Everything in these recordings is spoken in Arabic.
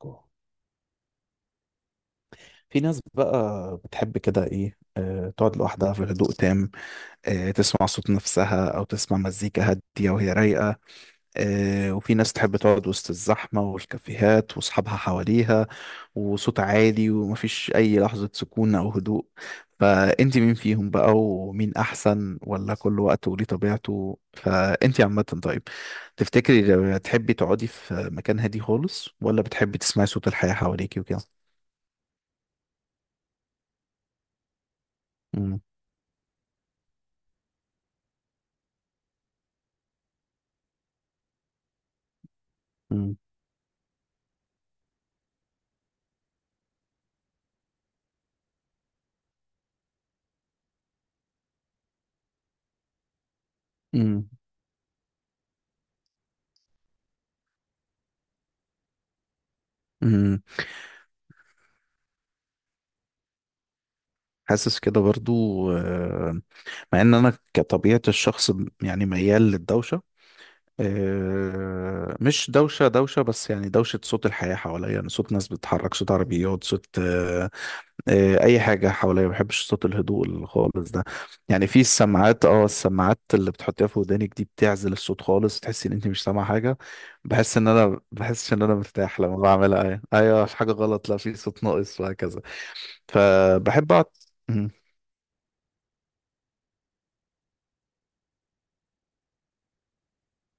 جوه. في ناس بقى بتحب كده ايه تقعد لوحدها في هدوء تام. تسمع صوت نفسها او تسمع مزيكا هادية وهي رايقة. وفي ناس تحب تقعد وسط الزحمة والكافيهات واصحابها حواليها وصوت عالي ومفيش اي لحظة سكون او هدوء. فانت مين فيهم بقى؟ ومين احسن؟ ولا كل وقت وليه طبيعته؟ فانت عامة طيب، تفتكري لو تحبي تقعدي في مكان هادي خالص، ولا بتحبي تسمعي صوت الحياة حواليكي وكده؟ مم. مم. مم. حاسس كده برضو. آه، مع ان انا كطبيعة الشخص يعني ميال للدوشة. مش دوشة دوشة، بس يعني دوشة صوت الحياة حواليا، يعني صوت ناس بتتحرك، صوت عربيات، صوت اي حاجة حواليا. ما بحبش صوت الهدوء اللي خالص ده. يعني في السماعات، اه السماعات اللي بتحطيها في ودانك دي بتعزل الصوت خالص، تحسي ان انت مش سامعة حاجة. بحس ان انا بحسش ان انا مرتاح لما بعملها. ايوه ايوه، مش حاجة غلط، لا في صوت ناقص وهكذا. فبحب أقعد. مم.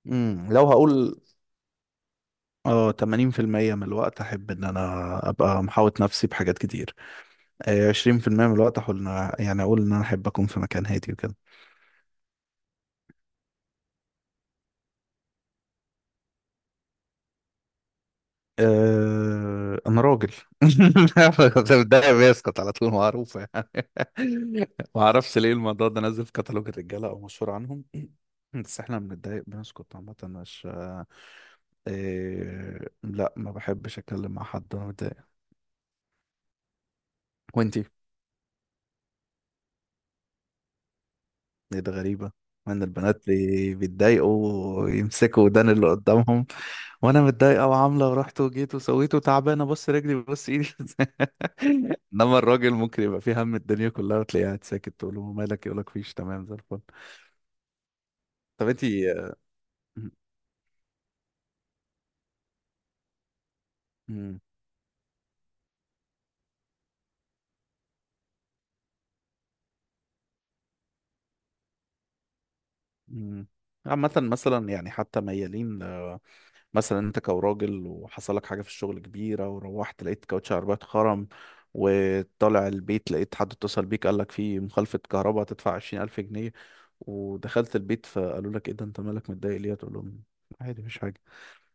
لو هقول اه 80% من الوقت أحب إن أنا أبقى محاوط نفسي بحاجات كتير. 20% من الوقت أحاول إن يعني أقول إن أنا أحب أكون في مكان هادي وكده. أنا راجل. ده بيسقط على طول معروفة يعني. ما أعرفش ليه الموضوع ده نازل في كتالوج الرجالة أو مشهور عنهم. بس إحنا بنتضايق بنسكت عامة، مش لا ما بحبش أتكلم مع حد وأنا متضايق. وأنت؟ ايه ده، غريبة ان البنات بيتضايقوا ويمسكوا ودان اللي قدامهم، وانا متضايقة وعاملة ورحت وجيت وسويت وتعبانة، بص رجلي بص ايدي. انما الراجل ممكن يبقى فيه هم الدنيا كلها وتلاقيه قاعد ساكت، تقول له مالك، يقولك فيش، تمام زي الفل. طب انتي. م- م- م. عامة مثلا، يعني حتى ميالين، مثلا انت كراجل وحصل لك حاجه في الشغل كبيره، وروحت لقيت كاوتش العربيه اتخرم، وطالع البيت لقيت حد اتصل بيك قال لك في مخالفه كهرباء هتدفع 20,000 جنيه، ودخلت البيت فقالوا لك ايه ده انت مالك متضايق ليه، تقول لهم عادي مفيش حاجه.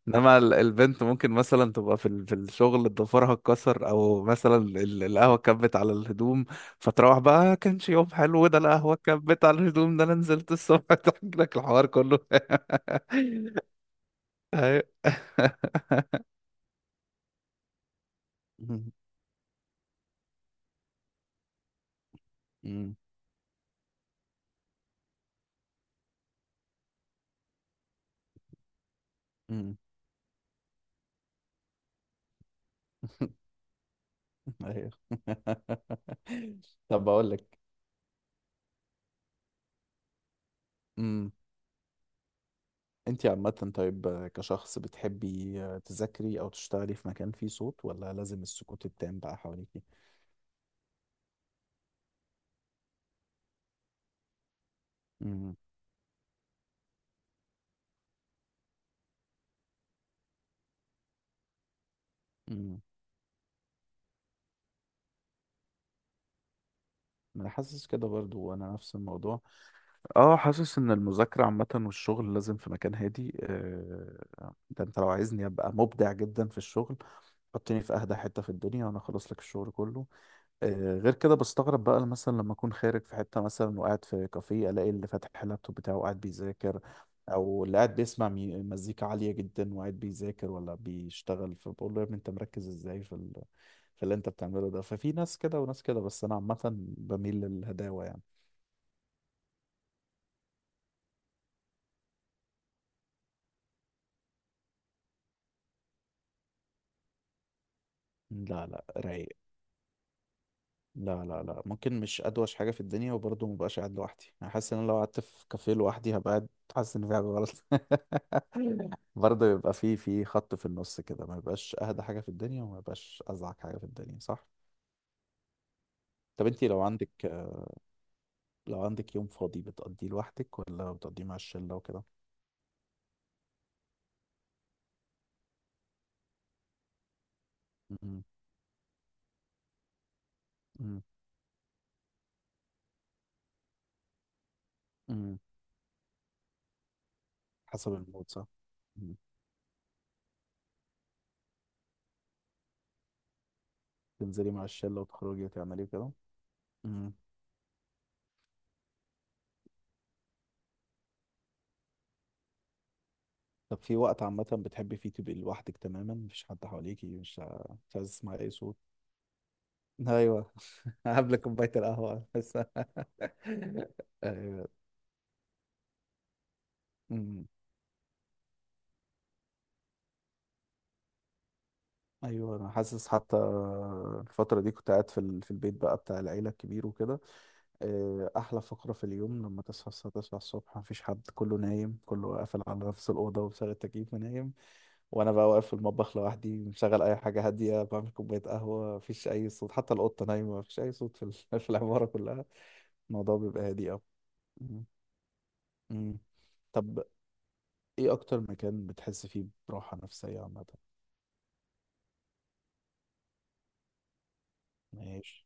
انما البنت ممكن مثلا تبقى في في الشغل ضفرها اتكسر، او مثلا القهوه كبت على الهدوم، فتروح بقى كانش يوم حلو ده، القهوه كبت على الهدوم ده، انا نزلت الصبح" تحكي لك الحوار كله. أيوة. مم. مم. مم. ايوه. طب بقول لك، امم انت عامة طيب كشخص، بتحبي تذاكري او تشتغلي في مكان فيه صوت، ولا لازم السكوت التام بقى حواليكي؟ مم. مم. انا حاسس كده برضو، وانا نفس الموضوع. اه حاسس ان المذاكرة عامة والشغل لازم في مكان هادي. ده انت لو عايزني ابقى مبدع جدا في الشغل، حطني في اهدى حتة في الدنيا وانا اخلص لك الشغل كله. غير كده بستغرب بقى مثلا لما اكون خارج في حته مثلا وقاعد في كافيه، الاقي اللي فاتح اللابتوب بتاعه وقاعد بيذاكر، او اللي قاعد بيسمع مزيكا عاليه جدا وقاعد بيذاكر ولا بيشتغل، فبقول له يا ابني انت مركز ازاي في ال… في اللي انت بتعمله ده. ففي ناس كده وناس كده، بس انا عامه بميل للهداوه يعني. لا لا، رايق. لا، ممكن مش ادوش حاجه في الدنيا وبرضه مبقاش قاعد لوحدي. انا حاسس ان انا لو قعدت في كافيه لوحدي هبقى قاعد حاسس ان في حاجه غلط. برضه يبقى في خط في النص كده، ما يبقاش اهدى حاجه في الدنيا وما يبقاش ازعج حاجه في الدنيا، صح. طب انتي لو عندك، لو عندك يوم فاضي بتقضيه لوحدك ولا بتقضيه مع الشله وكده؟ مم. مم. مم. حسب المود، صح. مم. تنزلي مع الشله وتخرجي وتعملي كده. مم. طب في وقت عامه بتحبي فيه تبقي لوحدك تماما، مفيش حد حواليكي، مش عايز تسمعي اي صوت؟ ايوه. قبل كوبايه القهوه بس. ايوه ايوه، انا حاسس حتى الفتره دي كنت قاعد في في البيت بقى بتاع العيله الكبير وكده. احلى فقره في اليوم لما تصحى الساعه 9 الصبح مفيش حد، كله نايم، كله قافل على نفس الاوضه ومشغل التكييف ونايم، وانا بقى واقف في المطبخ لوحدي مشغل اي حاجه هاديه بعمل كوبايه قهوه، مفيش اي صوت، حتى القطه نايمه، مفيش اي صوت في في العماره كلها. الموضوع بيبقى هادي قوي. مم. مم. طب ايه اكتر مكان بتحس فيه براحه نفسيه عامه؟ ماشي.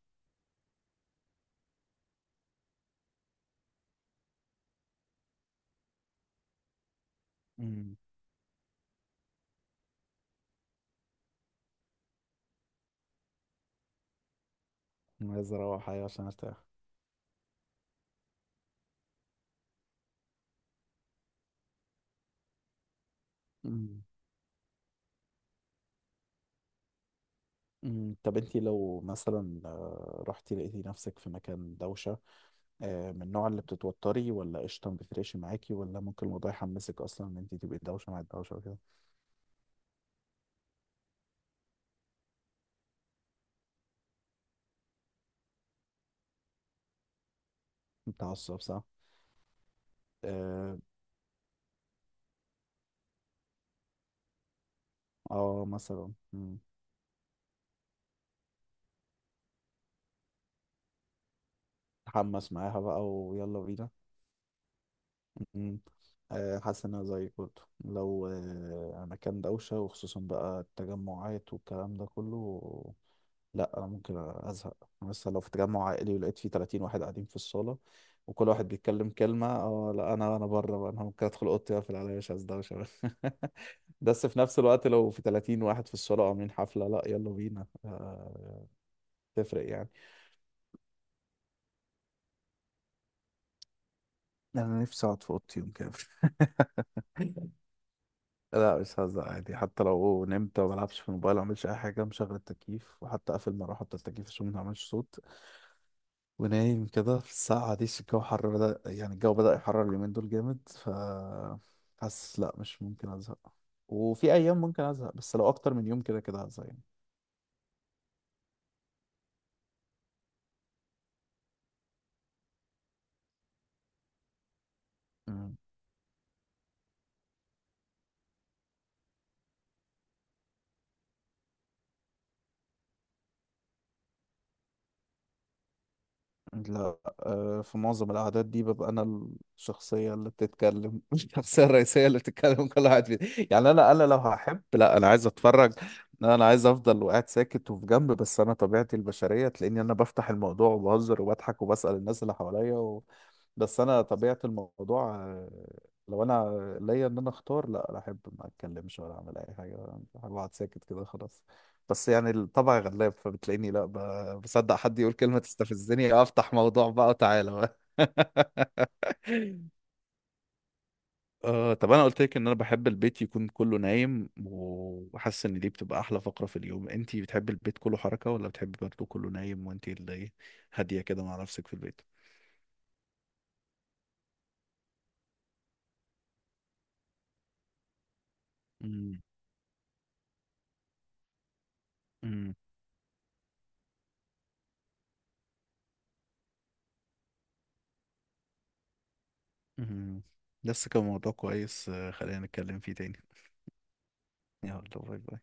مم. عايز اروح، أيوة عشان ارتاح. مم. طب انت لو مثلا رحتي لقيتي نفسك في مكان دوشة، من النوع اللي بتتوتري، ولا قشطة ما بتفرقش معاكي، ولا ممكن الموضوع يحمسك اصلا ان انت تبقي دوشة مع الدوشة وكده؟ متعصب، صح؟ اه. مثلا. تحمس معاها بقى ويلا بينا. مم. حاسس ان انا زيك برضه، لو مكان دوشة، وخصوصا بقى التجمعات والكلام ده كله، لا انا ممكن ازهق. أنا مثلا لو في تجمع عائلي ولقيت فيه 30 واحد قاعدين في الصاله، وكل واحد بيتكلم كلمه، اه لا انا بره بقى، انا ممكن ادخل اوضتي واقفل عليا، مش عايز ده، مش عايز. بس في نفس الوقت لو في 30 واحد في الصاله عاملين حفله، لا يلا بينا. تفرق يعني. انا نفسي اقعد في اوضتي يوم كامل. لا مش هزهق، عادي، حتى لو نمت وما بلعبش في الموبايل، ما اعملش اي حاجه، مشغل التكييف وحتى اقفل المروحه بتاع التكييف عشان ما تعملش صوت، ونايم كده. في الساعة دي الجو حر بدأ، يعني الجو بدأ يحرر اليومين دول جامد، ف حاسس لا مش ممكن أزهق. وفي أيام ممكن أزهق، بس لو أكتر من يوم كده كده هزهق يعني. مم. لا، في معظم القعدات دي ببقى أنا الشخصية اللي بتتكلم. الشخصية الرئيسية اللي بتتكلم كل واحد فيه. يعني أنا لو هحب، لا أنا عايز أتفرج، أنا عايز أفضل وقاعد ساكت وفي جنب، بس أنا طبيعتي البشرية تلاقيني أنا بفتح الموضوع وبهزر وبضحك وبسأل الناس اللي حواليا. بس انا طبيعه الموضوع، لو انا ليا ان انا اختار، لا لا، ما اتكلمش ولا اعمل اي حاجه، بحب اقعد ساكت كده خلاص. بس يعني الطبع غلاب، فبتلاقيني لا، بصدق حد يقول كلمه تستفزني، افتح موضوع بقى وتعالى بقى. آه طب انا قلت لك ان انا بحب البيت يكون كله نايم، وحاسس ان دي بتبقى احلى فقره في اليوم، انتي بتحبي البيت كله حركه، ولا بتحبي برضه كله نايم وانتي اللي هاديه كده مع نفسك في البيت؟ امم مهم. لسه كان موضوع كويس، خلينا نتكلم فيه تاني. يلا، باي باي.